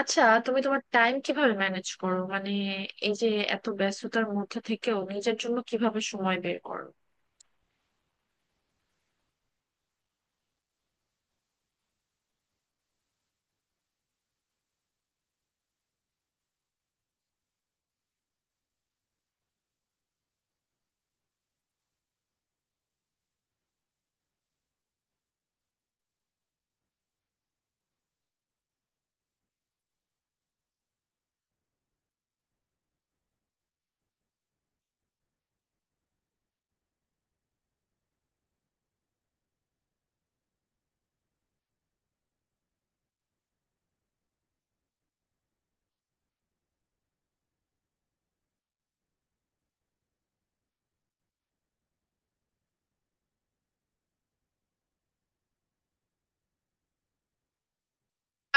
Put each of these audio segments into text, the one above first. আচ্ছা, তুমি তোমার টাইম কিভাবে ম্যানেজ করো? মানে এই যে এত ব্যস্ততার মধ্যে থেকেও নিজের জন্য কিভাবে সময় বের করো?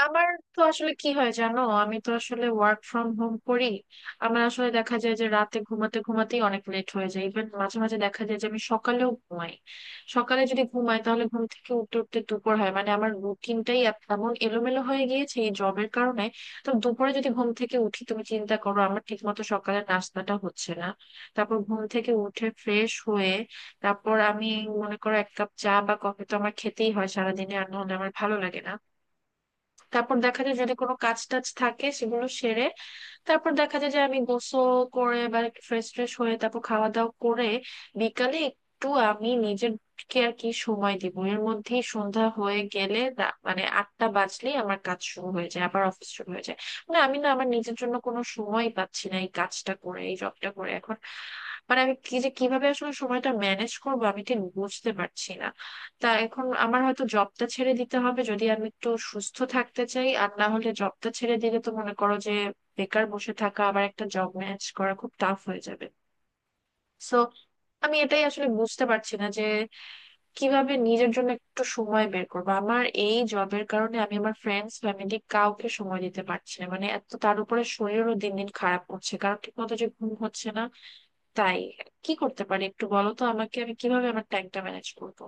আমার তো আসলে কি হয় জানো, আমি তো আসলে ওয়ার্ক ফ্রম হোম করি। আমার আসলে দেখা যায় যে রাতে ঘুমাতে ঘুমাতেই অনেক লেট হয়ে যায়, ইভেন মাঝে মাঝে দেখা যায় যে আমি সকালেও ঘুমাই। সকালে যদি ঘুমাই তাহলে ঘুম থেকে উঠতে উঠতে দুপুর হয়, মানে আমার রুটিনটাই এমন এলোমেলো হয়ে গিয়েছে এই জবের কারণে। তো দুপুরে যদি ঘুম থেকে উঠি তুমি চিন্তা করো, আমার ঠিক মতো সকালে নাস্তাটা হচ্ছে না। তারপর ঘুম থেকে উঠে ফ্রেশ হয়ে তারপর আমি মনে করো এক কাপ চা বা কফি তো আমার খেতেই হয় সারাদিনে, আর নাহলে আমার ভালো লাগে না। তারপর দেখা যায় যদি কোনো কাজ টাজ থাকে সেগুলো সেরে তারপর দেখা যায় যে আমি গোসল করে বা ফ্রেশ ট্রেশ হয়ে তারপর খাওয়া দাওয়া করে বিকালে একটু আমি নিজের কে আর কি সময় দিব, এর মধ্যেই সন্ধ্যা হয়ে গেলে মানে 8টা বাজলেই আমার কাজ শুরু হয়ে যায়, আবার অফিস শুরু হয়ে যায়। মানে আমি না আমার নিজের জন্য কোনো সময় পাচ্ছি না এই কাজটা করে, এই জবটা করে এখন। মানে আমি কি, যে কিভাবে আসলে সময়টা ম্যানেজ করবো আমি ঠিক বুঝতে পারছি না। তা এখন আমার হয়তো জবটা ছেড়ে দিতে হবে যদি আমি একটু সুস্থ থাকতে চাই, আর না হলে জবটা ছেড়ে দিলে তো মনে করো যে বেকার বসে থাকা আবার একটা জব ম্যানেজ করা খুব টাফ হয়ে যাবে। সো আমি এটাই আসলে বুঝতে পারছি না যে কিভাবে নিজের জন্য একটু সময় বের করবো। আমার এই জবের কারণে আমি আমার ফ্রেন্ডস ফ্যামিলি কাউকে সময় দিতে পারছি না, মানে এত, তার উপরে শরীরও দিন দিন খারাপ হচ্ছে কারণ ঠিক মতো যে ঘুম হচ্ছে না। তাই কি করতে পারি একটু বলো তো আমাকে, আমি কিভাবে আমার টাইমটা ম্যানেজ করবো?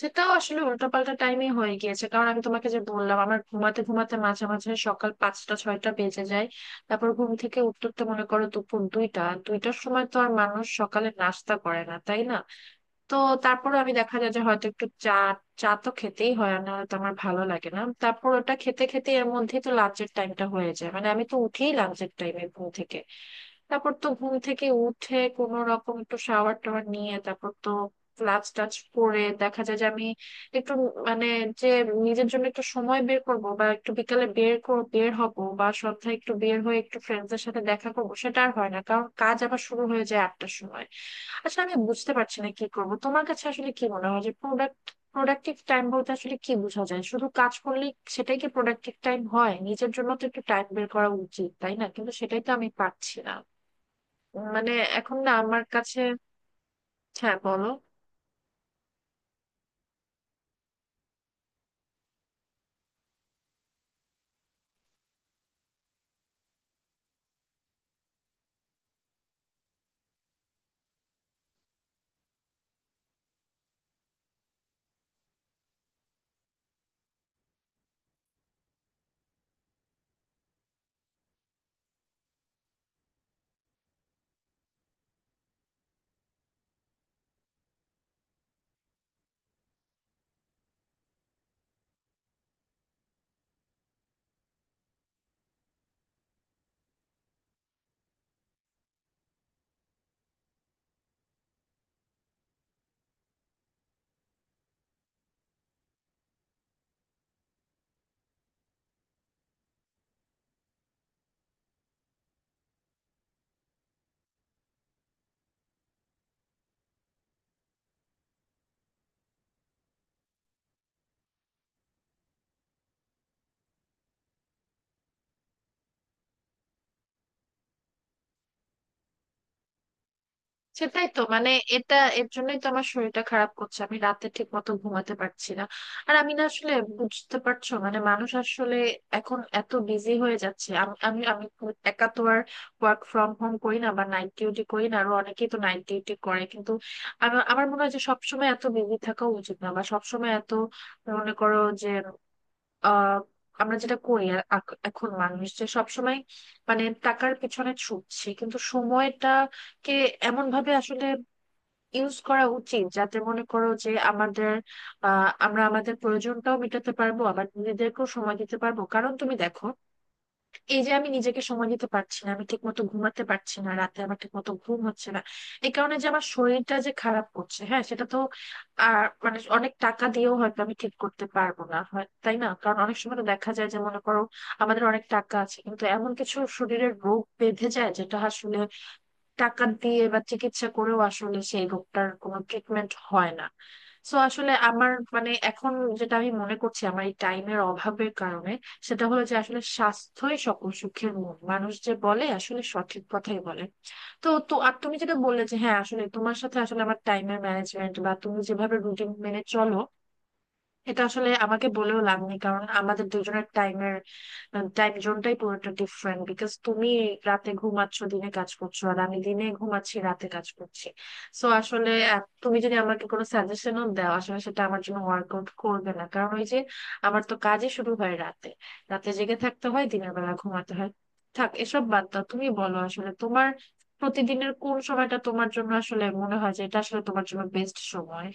সেটাও আসলে উল্টোপাল্টা টাইমে হয়ে গিয়েছে, কারণ আমি তোমাকে যে বললাম আমার ঘুমাতে ঘুমাতে মাঝে মাঝে সকাল 5টা 6টা বেজে যায়। তারপর ঘুম থেকে উঠতে উঠতে মনে করো দুপুর 2টা 2টার সময়, তো আর মানুষ সকালে নাস্তা করে না তাই না। তো তারপরে আমি দেখা যায় যে হয়তো একটু চা, চা তো খেতেই হয় না তো আমার ভালো লাগে না। তারপর ওটা খেতে খেতে এর মধ্যেই তো লাঞ্চের টাইমটা হয়ে যায়, মানে আমি তো উঠেই লাঞ্চের টাইমে ঘুম থেকে। তারপর তো ঘুম থেকে উঠে কোনো রকম একটু শাওয়ার টাওয়ার নিয়ে তারপর তো ক্লাস টাচ করে দেখা যায় যে আমি একটু, মানে যে নিজের জন্য একটু সময় বের করব বা একটু বিকালে বের হব বা সন্ধ্যায় একটু বের হয়ে একটু ফ্রেন্ডসদের সাথে দেখা করব, সেটা আর হয় না কারণ কাজ আবার শুরু হয়ে যায় 8টার সময়। আচ্ছা, আমি বুঝতে পারছি না কি করব। তোমার কাছে আসলে কি মনে হয় যে প্রোডাক্টিভ টাইম বলতে আসলে কি বোঝা যায়, শুধু কাজ করলেই সেটাই কি প্রোডাক্টিভ টাইম হয়? নিজের জন্য তো একটু টাইম বের করা উচিত তাই না, কিন্তু সেটাই তো আমি পারছি না। মানে এখন না আমার কাছে, হ্যাঁ বলো। সেটাই তো মানে এটা এর জন্যই তো আমার শরীরটা খারাপ করছে, আমি রাতে ঠিক মতো ঘুমাতে পারছি না। আর আমি না আসলে, বুঝতে পারছো মানে মানুষ আসলে এখন এত বিজি হয়ে যাচ্ছে। আম- আমি আমি খুব একা তো আর ওয়ার্ক ফ্রম হোম করি না বা নাইট ডিউটি করি না, আরো অনেকেই তো নাইট ডিউটি করে কিন্তু আমার আমার মনে হয় যে সবসময় এত বিজি থাকা উচিত না, বা সবসময় এত মনে করো যে আহ আমরা যেটা করি, আর এখন মানুষ যে সবসময় মানে টাকার পিছনে ছুটছে, কিন্তু সময়টাকে এমন ভাবে আসলে ইউজ করা উচিত যাতে মনে করো যে আমাদের, আমরা আমাদের প্রয়োজনটাও মেটাতে পারবো আবার নিজেদেরকেও সময় দিতে পারবো। কারণ তুমি দেখো, এই যে আমি নিজেকে সময় দিতে পারছি না, আমি ঠিক মতো ঘুমাতে পারছি না, রাতে আমার ঠিক মতো ঘুম হচ্ছে না, এই কারণে যে আমার শরীরটা যে খারাপ করছে, হ্যাঁ সেটা তো। আর মানে অনেক টাকা দিয়েও হয়তো আমি ঠিক করতে পারবো না হয় তাই না, কারণ অনেক সময় তো দেখা যায় যে মনে করো আমাদের অনেক টাকা আছে কিন্তু এমন কিছু শরীরের রোগ বেঁধে যায় যেটা আসলে টাকা দিয়ে বা চিকিৎসা করেও আসলে সেই রোগটার কোনো ট্রিটমেন্ট হয় না। সো আসলে আমার মানে এখন যেটা আমি মনে করছি আমার এই টাইমের অভাবের কারণে সেটা হলো যে আসলে স্বাস্থ্যই সকল সুখের মূল, মানুষ যে বলে আসলে সঠিক কথাই বলে। তো তো আর তুমি যেটা বললে যে হ্যাঁ আসলে তোমার সাথে আসলে আমার টাইমের ম্যানেজমেন্ট বা তুমি যেভাবে রুটিন মেনে চলো, এটা আসলে আমাকে বলেও লাভ নেই কারণ আমাদের দুজনের টাইমের, টাইম জোনটাই পুরোটা ডিফারেন্ট বিকজ তুমি রাতে ঘুমাচ্ছ দিনে কাজ করছো, আর আমি দিনে ঘুমাচ্ছি রাতে কাজ করছি। সো আসলে তুমি যদি আমাকে কোনো সাজেশনও দাও আসলে সেটা আমার জন্য ওয়ার্কআউট করবে না, কারণ ওই যে আমার তো কাজই শুরু হয় রাতে, রাতে জেগে থাকতে হয়, দিনের বেলা ঘুমাতে হয়। থাক এসব বাদ দাও, তুমি বলো আসলে তোমার প্রতিদিনের কোন সময়টা তোমার জন্য আসলে মনে হয় যে এটা আসলে তোমার জন্য বেস্ট সময়।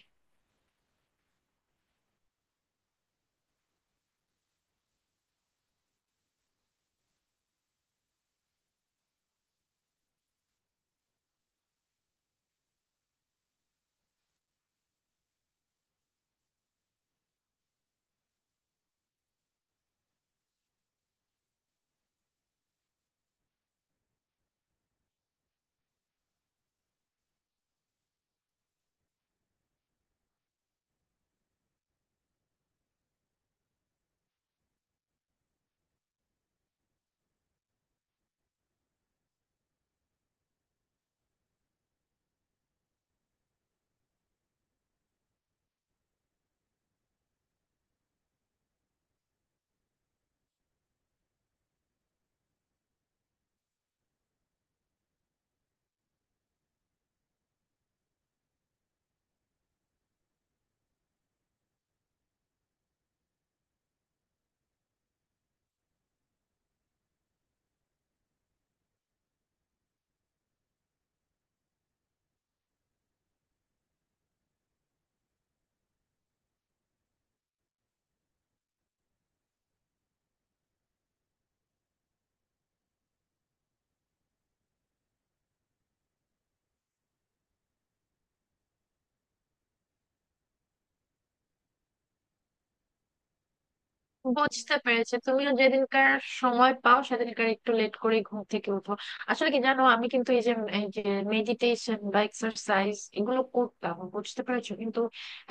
বুঝতে পেরেছি, তুমিও যেদিনকার সময় পাও সেদিনকার একটু লেট করে ঘুম থেকে উঠো। আসলে কি জানো, আমি কিন্তু এই যে, এই যে মেডিটেশন বা এক্সারসাইজ এগুলো করতাম বুঝতে পেরেছো, কিন্তু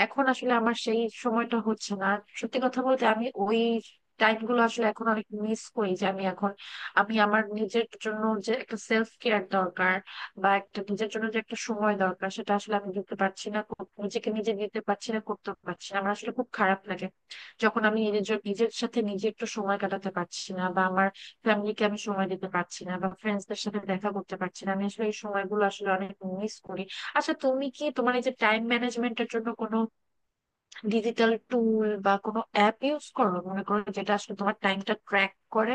এখন আসলে আমার সেই সময়টা হচ্ছে না। আর সত্যি কথা বলতে আমি ওই টাইম গুলো আসলে এখন অনেক মিস করি, যে আমি এখন, আমি আমার নিজের জন্য যে একটা সেলফ কেয়ার দরকার বা একটা নিজের জন্য যে একটা সময় দরকার সেটা আসলে আমি দিতে পারছি না, নিজেকে নিজে দিতে পারছি না, করতে পারছি না। আমার আসলে খুব খারাপ লাগে যখন আমি নিজের নিজের সাথে নিজে একটু সময় কাটাতে পারছি না, বা আমার ফ্যামিলিকে আমি সময় দিতে পারছি না, বা ফ্রেন্ডসদের সাথে দেখা করতে পারছি না। আমি আসলে এই সময়গুলো আসলে অনেক মিস করি। আচ্ছা, তুমি কি তোমার এই যে টাইম ম্যানেজমেন্টের জন্য কোনো ডিজিটাল টুল বা কোনো অ্যাপ ইউজ করো, মনে করো যেটা আসলে তোমার টাইমটা ট্র্যাক করে?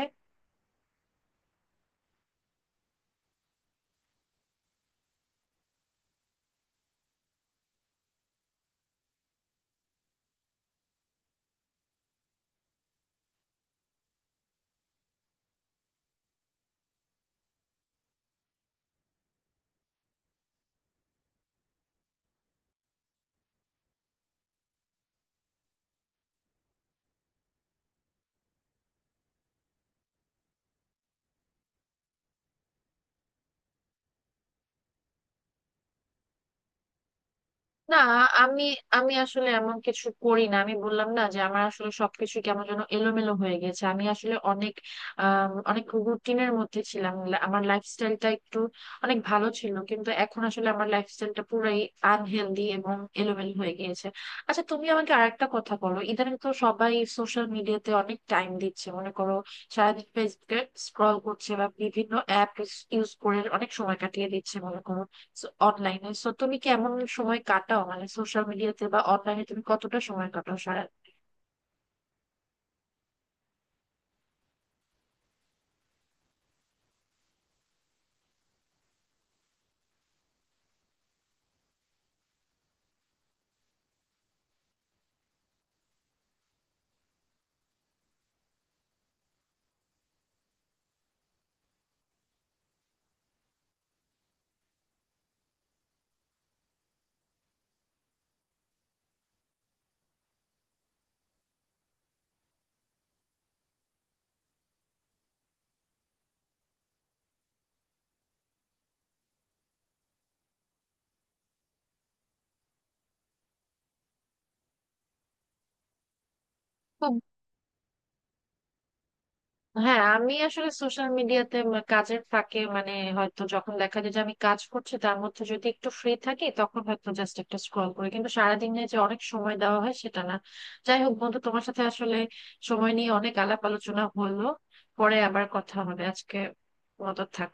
না, আমি আমি আসলে এমন কিছু করি না, আমি বললাম না যে আমার আসলে সবকিছু কেমন যেন এলোমেলো হয়ে গেছে। আমি আসলে অনেক, অনেক রুটিনের মধ্যে ছিলাম, আমার লাইফস্টাইলটা একটু অনেক ভালো ছিল, কিন্তু এখন আসলে আমার লাইফস্টাইলটা পুরাই আনহেলদি এবং এলোমেলো হয়ে গিয়েছে। আচ্ছা, তুমি আমাকে আরেকটা কথা বলো, ইদানিং তো সবাই সোশ্যাল মিডিয়াতে অনেক টাইম দিচ্ছে, মনে করো সারাদিন ফেসবুকে স্ক্রল করছে বা বিভিন্ন অ্যাপ ইউজ করে অনেক সময় কাটিয়ে দিচ্ছে, মনে করো অনলাইনে। সো তুমি কেমন সময় কাটাও মানে সোশ্যাল মিডিয়াতে বা অনলাইনে তুমি কতটা সময় কাটাও সারা? খুব হ্যাঁ, আমি আসলে সোশ্যাল মিডিয়াতে কাজের ফাঁকে মানে হয়তো যখন দেখা যায় যে আমি কাজ করছি তার মধ্যে যদি একটু ফ্রি থাকি তখন হয়তো জাস্ট একটা স্ক্রল করি, কিন্তু সারাদিনে যে অনেক সময় দেওয়া হয় সেটা না। যাই হোক বন্ধু, তোমার সাথে আসলে সময় নিয়ে অনেক আলাপ আলোচনা হলো, পরে আবার কথা হবে, আজকে মতো থাক।